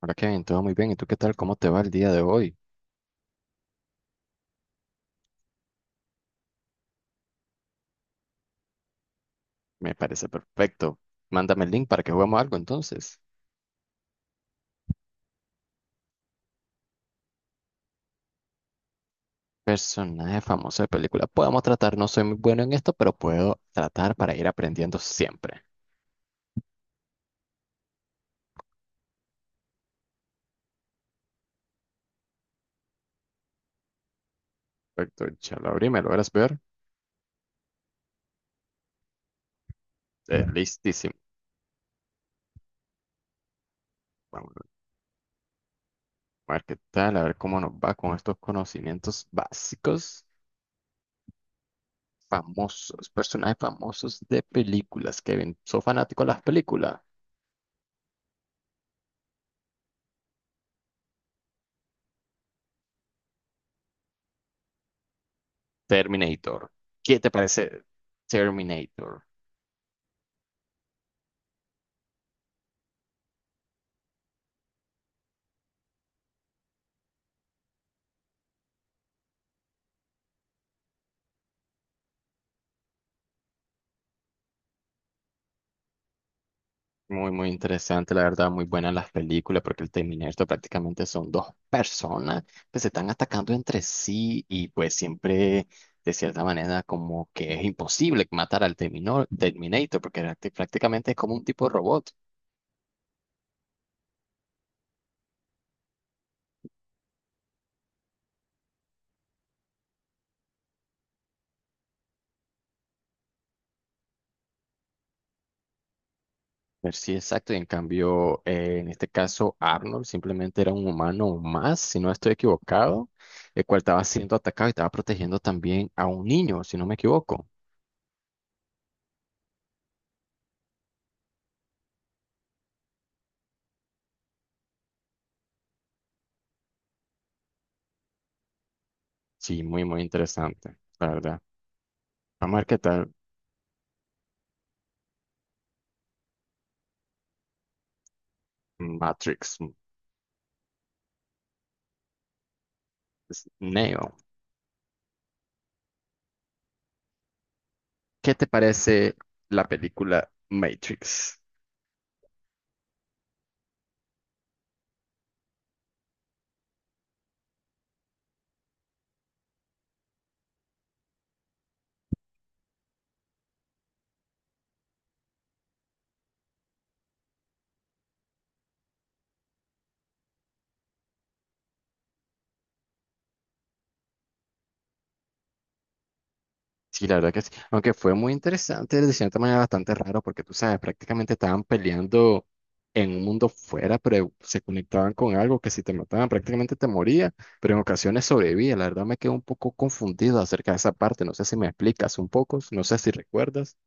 Hola Kevin, todo muy bien. ¿Y tú qué tal? ¿Cómo te va el día de hoy? Me parece perfecto. Mándame el link para que juguemos algo entonces. Personaje famoso de película. Podemos tratar, no soy muy bueno en esto, pero puedo tratar para ir aprendiendo siempre. Perfecto, ya lo abrí, ¿me logras ver? Listísimo. Vamos a ver qué tal, a ver cómo nos va con estos conocimientos básicos. Famosos, personajes famosos de películas, Kevin. ¿Soy fanático de las películas? Terminator. ¿Qué te parece Terminator? Muy, muy interesante, la verdad, muy buenas las películas, porque el Terminator prácticamente son dos personas que se están atacando entre sí y pues siempre, de cierta manera, como que es imposible matar al Terminator, porque prácticamente es como un tipo de robot. Ver si exacto, y en cambio, en este caso, Arnold simplemente era un humano más, si no estoy equivocado, el cual estaba siendo atacado y estaba protegiendo también a un niño, si no me equivoco. Sí, muy, muy interesante, la verdad. Vamos a ver qué tal. Matrix. Neo. ¿Qué te parece la película Matrix? Sí, la verdad que sí. Aunque fue muy interesante, de cierta manera bastante raro, porque tú sabes, prácticamente estaban peleando en un mundo fuera, pero se conectaban con algo que si te mataban prácticamente te moría, pero en ocasiones sobrevivía. La verdad me quedé un poco confundido acerca de esa parte. No sé si me explicas un poco, no sé si recuerdas.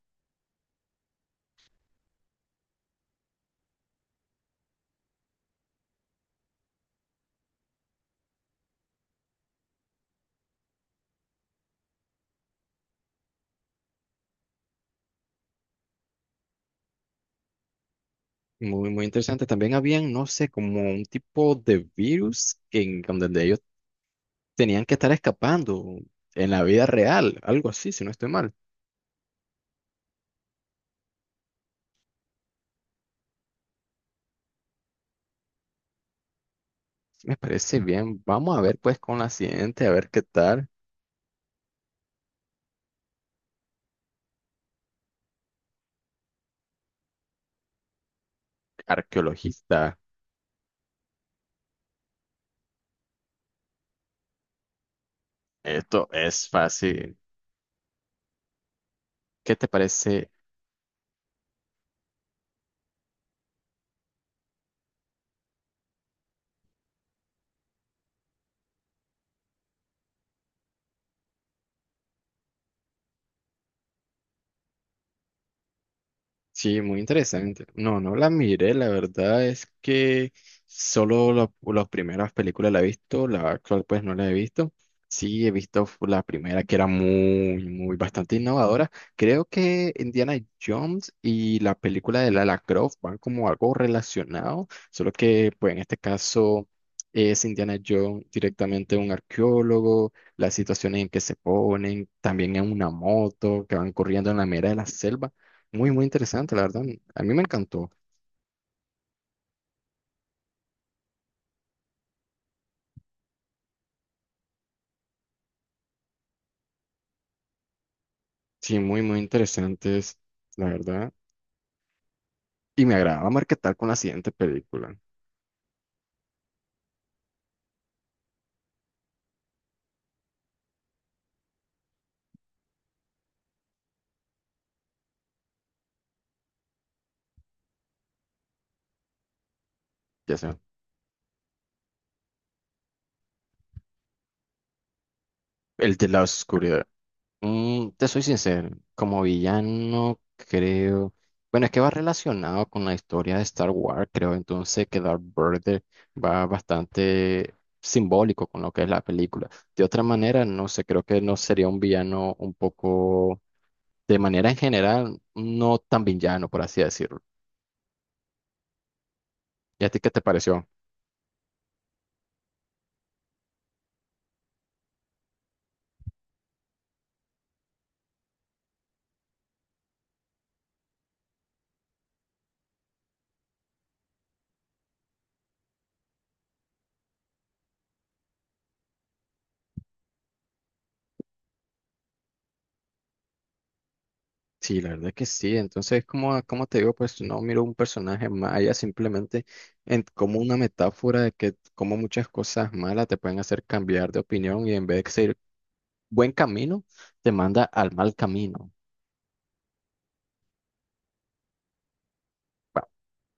Muy, muy interesante. También habían, no sé, como un tipo de virus que en donde ellos tenían que estar escapando en la vida real, algo así, si no estoy mal. Me parece bien. Vamos a ver pues con la siguiente, a ver qué tal. Arqueologista. Esto es fácil. ¿Qué te parece? Sí, muy interesante. No, no la miré, la verdad es que las primeras películas la he visto, la actual pues no la he visto. Sí, he visto la primera que era muy, muy bastante innovadora. Creo que Indiana Jones y la película de Lara Croft van como algo relacionado, solo que pues en este caso es Indiana Jones directamente un arqueólogo, las situaciones en que se ponen, también en una moto que van corriendo en la mera de la selva. Muy, muy interesante, la verdad. A mí me encantó. Sí, muy, muy interesantes, la verdad. Y me agradaba marketar con la siguiente película, ya sea, el de la oscuridad. Te soy sincero, como villano, creo. Bueno, es que va relacionado con la historia de Star Wars, creo. Entonces, que Darth Vader va bastante simbólico con lo que es la película. De otra manera, no sé, creo que no sería un villano un poco, de manera en general, no tan villano, por así decirlo. ¿Y a ti qué te pareció? Sí, la verdad que sí. Entonces, como te digo, pues no miro un personaje maya simplemente en, como una metáfora de que como muchas cosas malas te pueden hacer cambiar de opinión y en vez de seguir buen camino, te manda al mal camino. Va-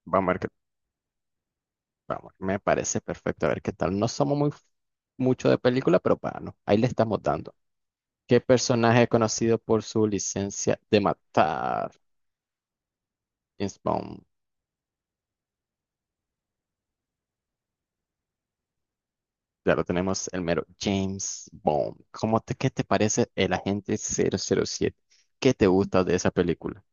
Vamos a ver qué, me parece perfecto. A ver qué tal. No somos muy mucho de película, pero bueno, ahí le estamos dando. ¿Qué personaje es conocido por su licencia de matar? James Bond. Claro, tenemos el mero James Bond. Qué te parece el agente 007? ¿Qué te gusta de esa película?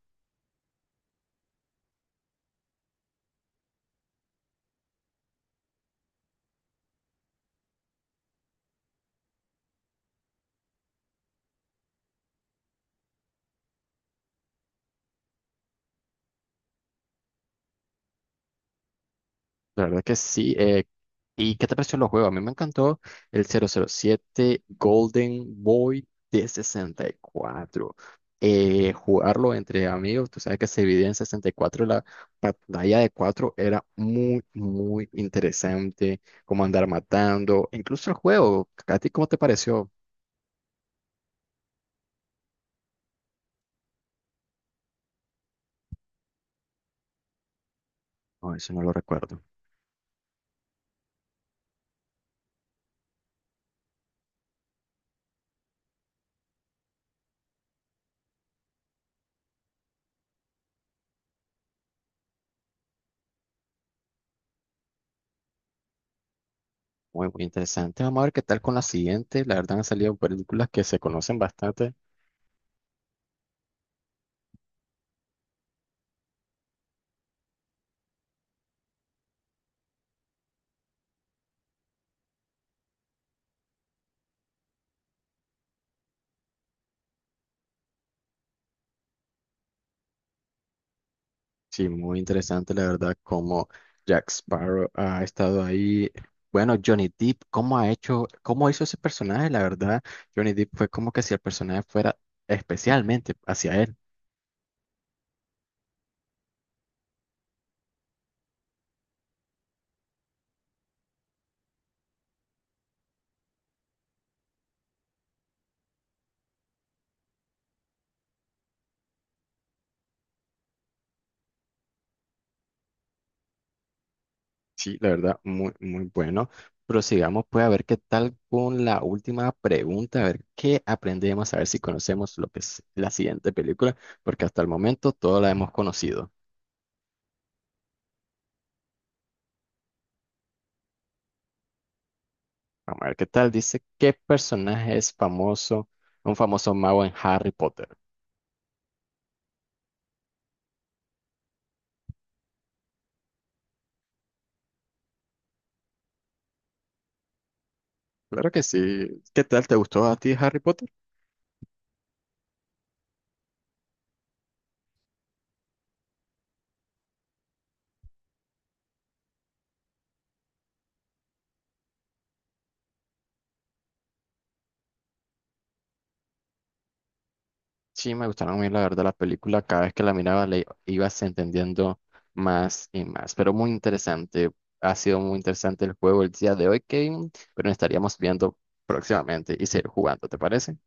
La verdad que sí. ¿Y qué te pareció los juegos? A mí me encantó el 007 Golden Boy de 64. Jugarlo entre amigos, tú sabes que se dividía en 64, la pantalla de 4 era muy, muy interesante, como andar matando, incluso el juego. ¿A ti cómo te pareció? No, eso no lo recuerdo. Muy, muy interesante. Vamos a ver qué tal con la siguiente. La verdad han salido películas que se conocen bastante. Sí, muy interesante, la verdad, como Jack Sparrow ha estado ahí. Bueno, Johnny Depp, cómo ha hecho, cómo hizo ese personaje, la verdad. Johnny Depp fue como que si el personaje fuera especialmente hacia él. Sí, la verdad, muy, muy bueno. Prosigamos, pues, a ver qué tal con la última pregunta, a ver qué aprendemos, a ver si conocemos lo que es la siguiente película, porque hasta el momento toda la hemos conocido. Vamos a ver qué tal. Dice, ¿qué personaje es famoso, un famoso mago en Harry Potter? Claro que sí. ¿Qué tal? ¿Te gustó a ti Harry Potter? Sí, me gustaron muy, la verdad, la película. Cada vez que la miraba, le ibas entendiendo más y más. Pero muy interesante. Ha sido muy interesante el juego el día de hoy, Kevin. Pero nos estaríamos viendo próximamente y seguir jugando, ¿te parece?